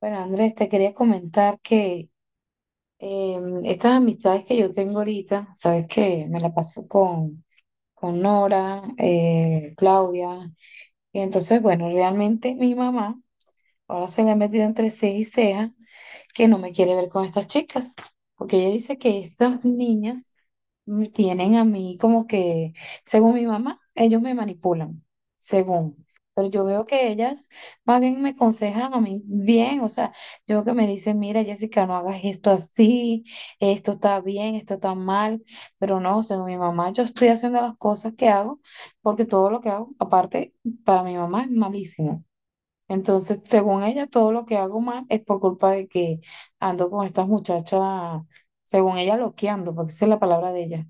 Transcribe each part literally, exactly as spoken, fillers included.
Bueno, Andrés, te quería comentar que em, estas amistades que yo tengo ahorita, sabes que me la paso con, con Nora, eh, Claudia, y entonces, bueno, realmente mi mamá. Ahora se le ha metido entre ceja y ceja que no me quiere ver con estas chicas, porque ella dice que estas niñas me tienen a mí como que, según mi mamá, ellos me manipulan, según. Pero yo veo que ellas más bien me aconsejan a mí bien, o sea, yo veo que me dicen, mira, Jessica, no hagas esto así, esto está bien, esto está mal, pero no, según mi mamá, yo estoy haciendo las cosas que hago, porque todo lo que hago, aparte, para mi mamá es malísimo. Entonces, según ella, todo lo que hago mal es por culpa de que ando con estas muchachas, según ella, loqueando, porque esa es la palabra de ella.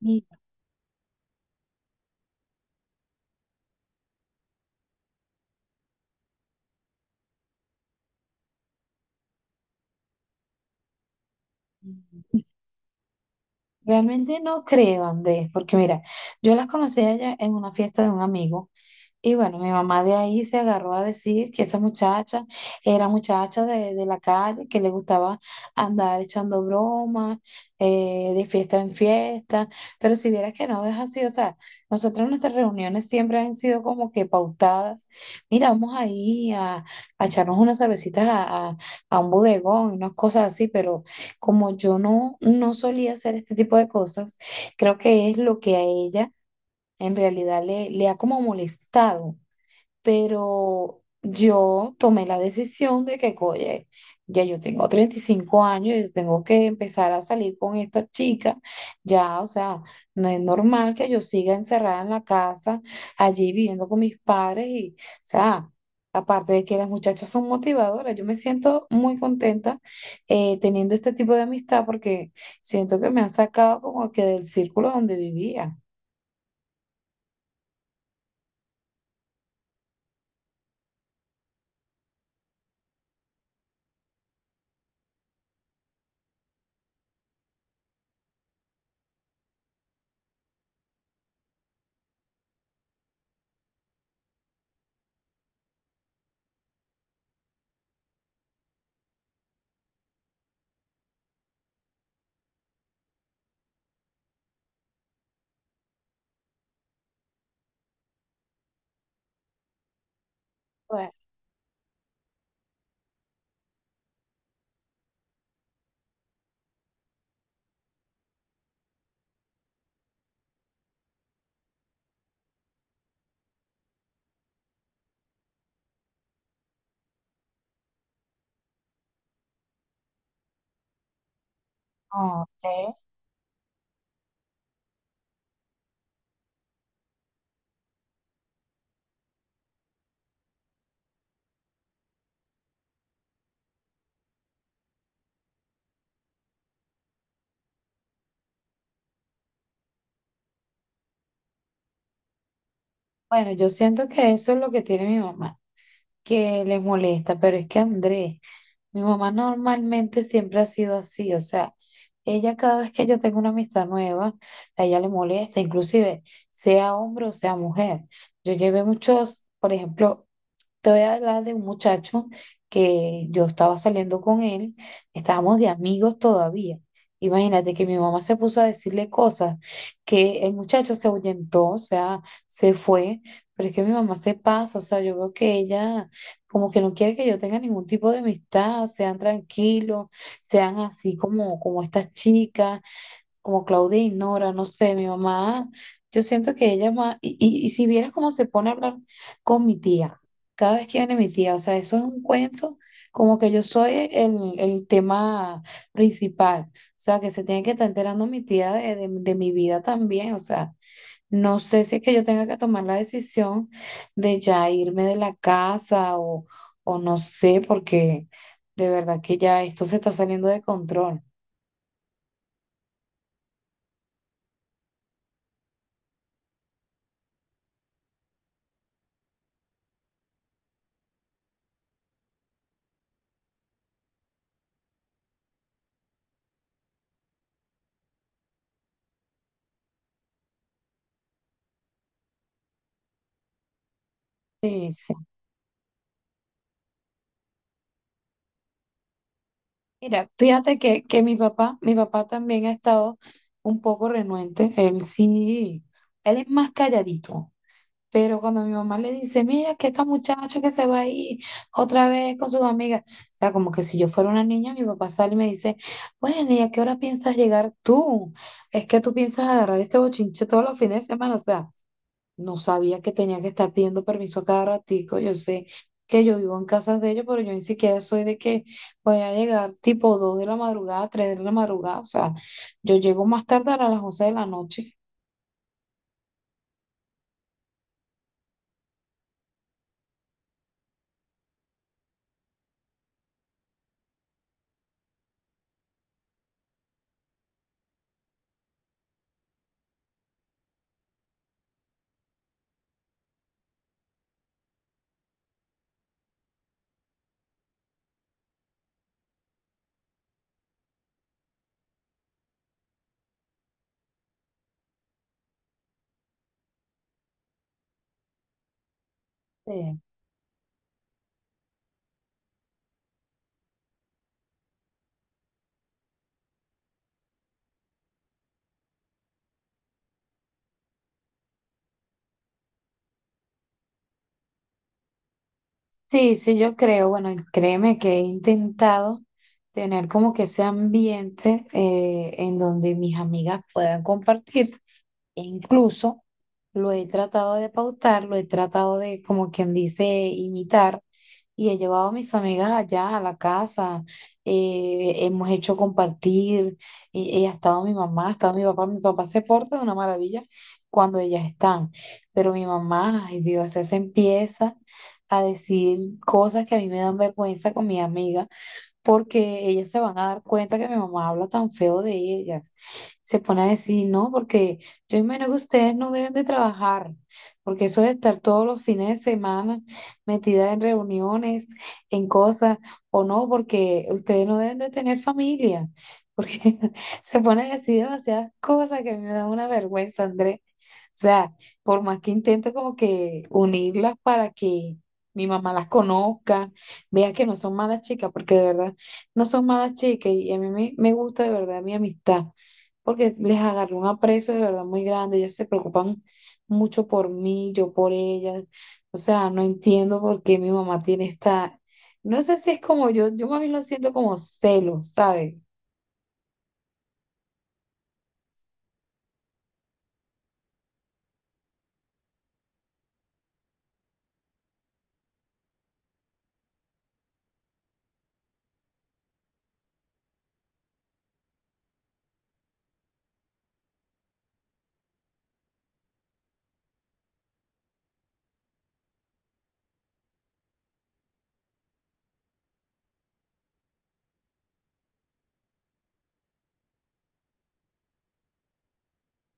Mira, realmente no creo, Andrés, porque mira, yo las conocí a ellas en una fiesta de un amigo. Y bueno, mi mamá de ahí se agarró a decir que esa muchacha era muchacha de, de la calle, que le gustaba andar echando bromas, eh, de fiesta en fiesta, pero si vieras que no es así, o sea, nosotros nuestras reuniones siempre han sido como que pautadas, mira, vamos ahí a, a echarnos unas cervecitas a, a, a un bodegón y unas cosas así, pero como yo no, no solía hacer este tipo de cosas, creo que es lo que a ella en realidad le, le ha como molestado pero yo tomé la decisión de que, oye, ya yo tengo treinta y cinco años, yo tengo que empezar a salir con esta chica, ya, o sea, no es normal que yo siga encerrada en la casa, allí viviendo con mis padres y, o sea... Aparte de que las muchachas son motivadoras, yo me siento muy contenta eh, teniendo este tipo de amistad porque siento que me han sacado como que del círculo donde vivía. Bueno, ok. Bueno, yo siento que eso es lo que tiene mi mamá, que les molesta, pero es que Andrés, mi mamá normalmente siempre ha sido así, o sea, ella cada vez que yo tengo una amistad nueva, a ella le molesta, inclusive sea hombre o sea mujer. Yo llevé muchos, por ejemplo, te voy a hablar de un muchacho que yo estaba saliendo con él, estábamos de amigos todavía. Imagínate que mi mamá se puso a decirle cosas, que el muchacho se ahuyentó, o sea, se fue, pero es que mi mamá se pasa, o sea, yo veo que ella como que no quiere que yo tenga ningún tipo de amistad, sean tranquilos, sean así como, como estas chicas como Claudine, Nora, no sé, mi mamá, yo siento que ella más, y, y, y si vieras cómo se pone a hablar con mi tía, cada vez que viene mi tía, o sea, eso es un cuento, como que yo soy el, el tema principal, o sea, que se tiene que estar enterando mi tía de, de, de mi vida también, o sea, no sé si es que yo tenga que tomar la decisión de ya irme de la casa o, o no sé, porque de verdad que ya esto se está saliendo de control. Sí, sí. Mira, fíjate que, que, mi papá, mi papá también ha estado un poco renuente. Él sí, él es más calladito, pero cuando mi mamá le dice, mira, que esta muchacha que se va a ir otra vez con sus amigas, o sea, como que si yo fuera una niña, mi papá sale y me dice, bueno, ¿y a qué hora piensas llegar tú? Es que tú piensas agarrar este bochinche todos los fines de semana, o sea. No sabía que tenía que estar pidiendo permiso a cada ratico. Yo sé que yo vivo en casas de ellos, pero yo ni siquiera soy de que voy a llegar tipo dos de la madrugada, tres de la madrugada. O sea, yo llego más tardar a las once de la noche. Sí, sí, sí, yo creo. Bueno, y créeme que he intentado tener como que ese ambiente eh, en donde mis amigas puedan compartir. E incluso lo he tratado de pautar, lo he tratado de, como quien dice, imitar. Y he llevado a mis amigas allá a la casa. Eh, hemos hecho compartir. Y, y ha estado mi mamá, ha estado mi papá. Mi papá se porta de una maravilla cuando ellas están. Pero mi mamá, ay Dios, ella se empieza a decir cosas que a mí me dan vergüenza con mi amiga porque ellas se van a dar cuenta que mi mamá habla tan feo de ellas. Se pone a decir, no, porque yo imagino que ustedes no deben de trabajar, porque eso de estar todos los fines de semana metida en reuniones, en cosas, o no, porque ustedes no deben de tener familia, porque se pone a decir demasiadas cosas que a mí me da una vergüenza, Andrés. O sea, por más que intento como que unirlas para que mi mamá las conozca, vea que no son malas chicas, porque de verdad no son malas chicas y a mí me, me gusta de verdad mi amistad, porque les agarré un aprecio de verdad muy grande, ellas se preocupan mucho por mí, yo por ellas, o sea, no entiendo por qué mi mamá tiene esta, no sé si es como yo, yo, más bien lo siento como celos, ¿sabes?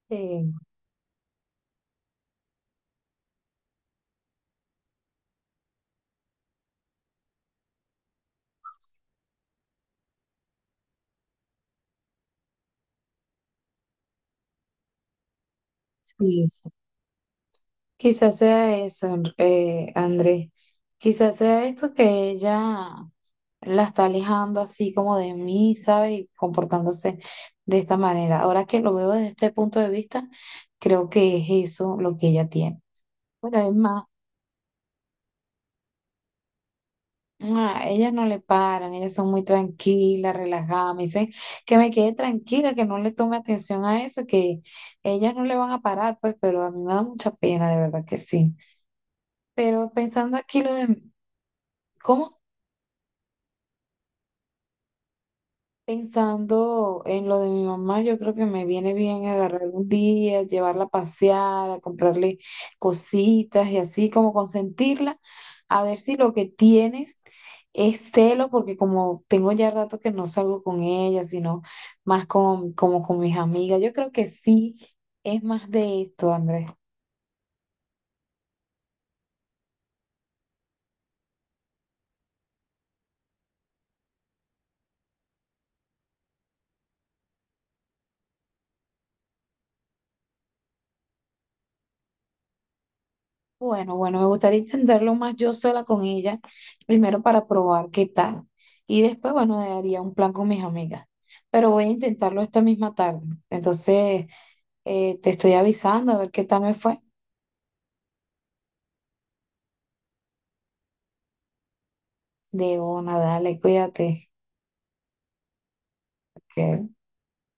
Sí. Sí, sí. Quizás sea eso, eh, Andrés, quizás sea esto que ella... la está alejando así como de mí, ¿sabe? Y comportándose de esta manera. Ahora que lo veo desde este punto de vista, creo que es eso lo que ella tiene. Bueno, es más, ah, ellas no le paran, ellas son muy tranquilas, relajadas, me dicen que me quede tranquila, que no le tome atención a eso, que ellas no le van a parar, pues, pero a mí me da mucha pena, de verdad que sí. Pero pensando aquí lo de, ¿cómo? Pensando en lo de mi mamá, yo creo que me viene bien agarrar un día, llevarla a pasear, a comprarle cositas y así como consentirla, a ver si lo que tienes es celo, porque como tengo ya rato que no salgo con ella, sino más con, como con mis amigas, yo creo que sí es más de esto, Andrés. Bueno, bueno, me gustaría intentarlo más yo sola con ella, primero para probar qué tal. Y después, bueno, haría un plan con mis amigas. Pero voy a intentarlo esta misma tarde. Entonces, eh, te estoy avisando a ver qué tal me fue. De una, dale, cuídate. Que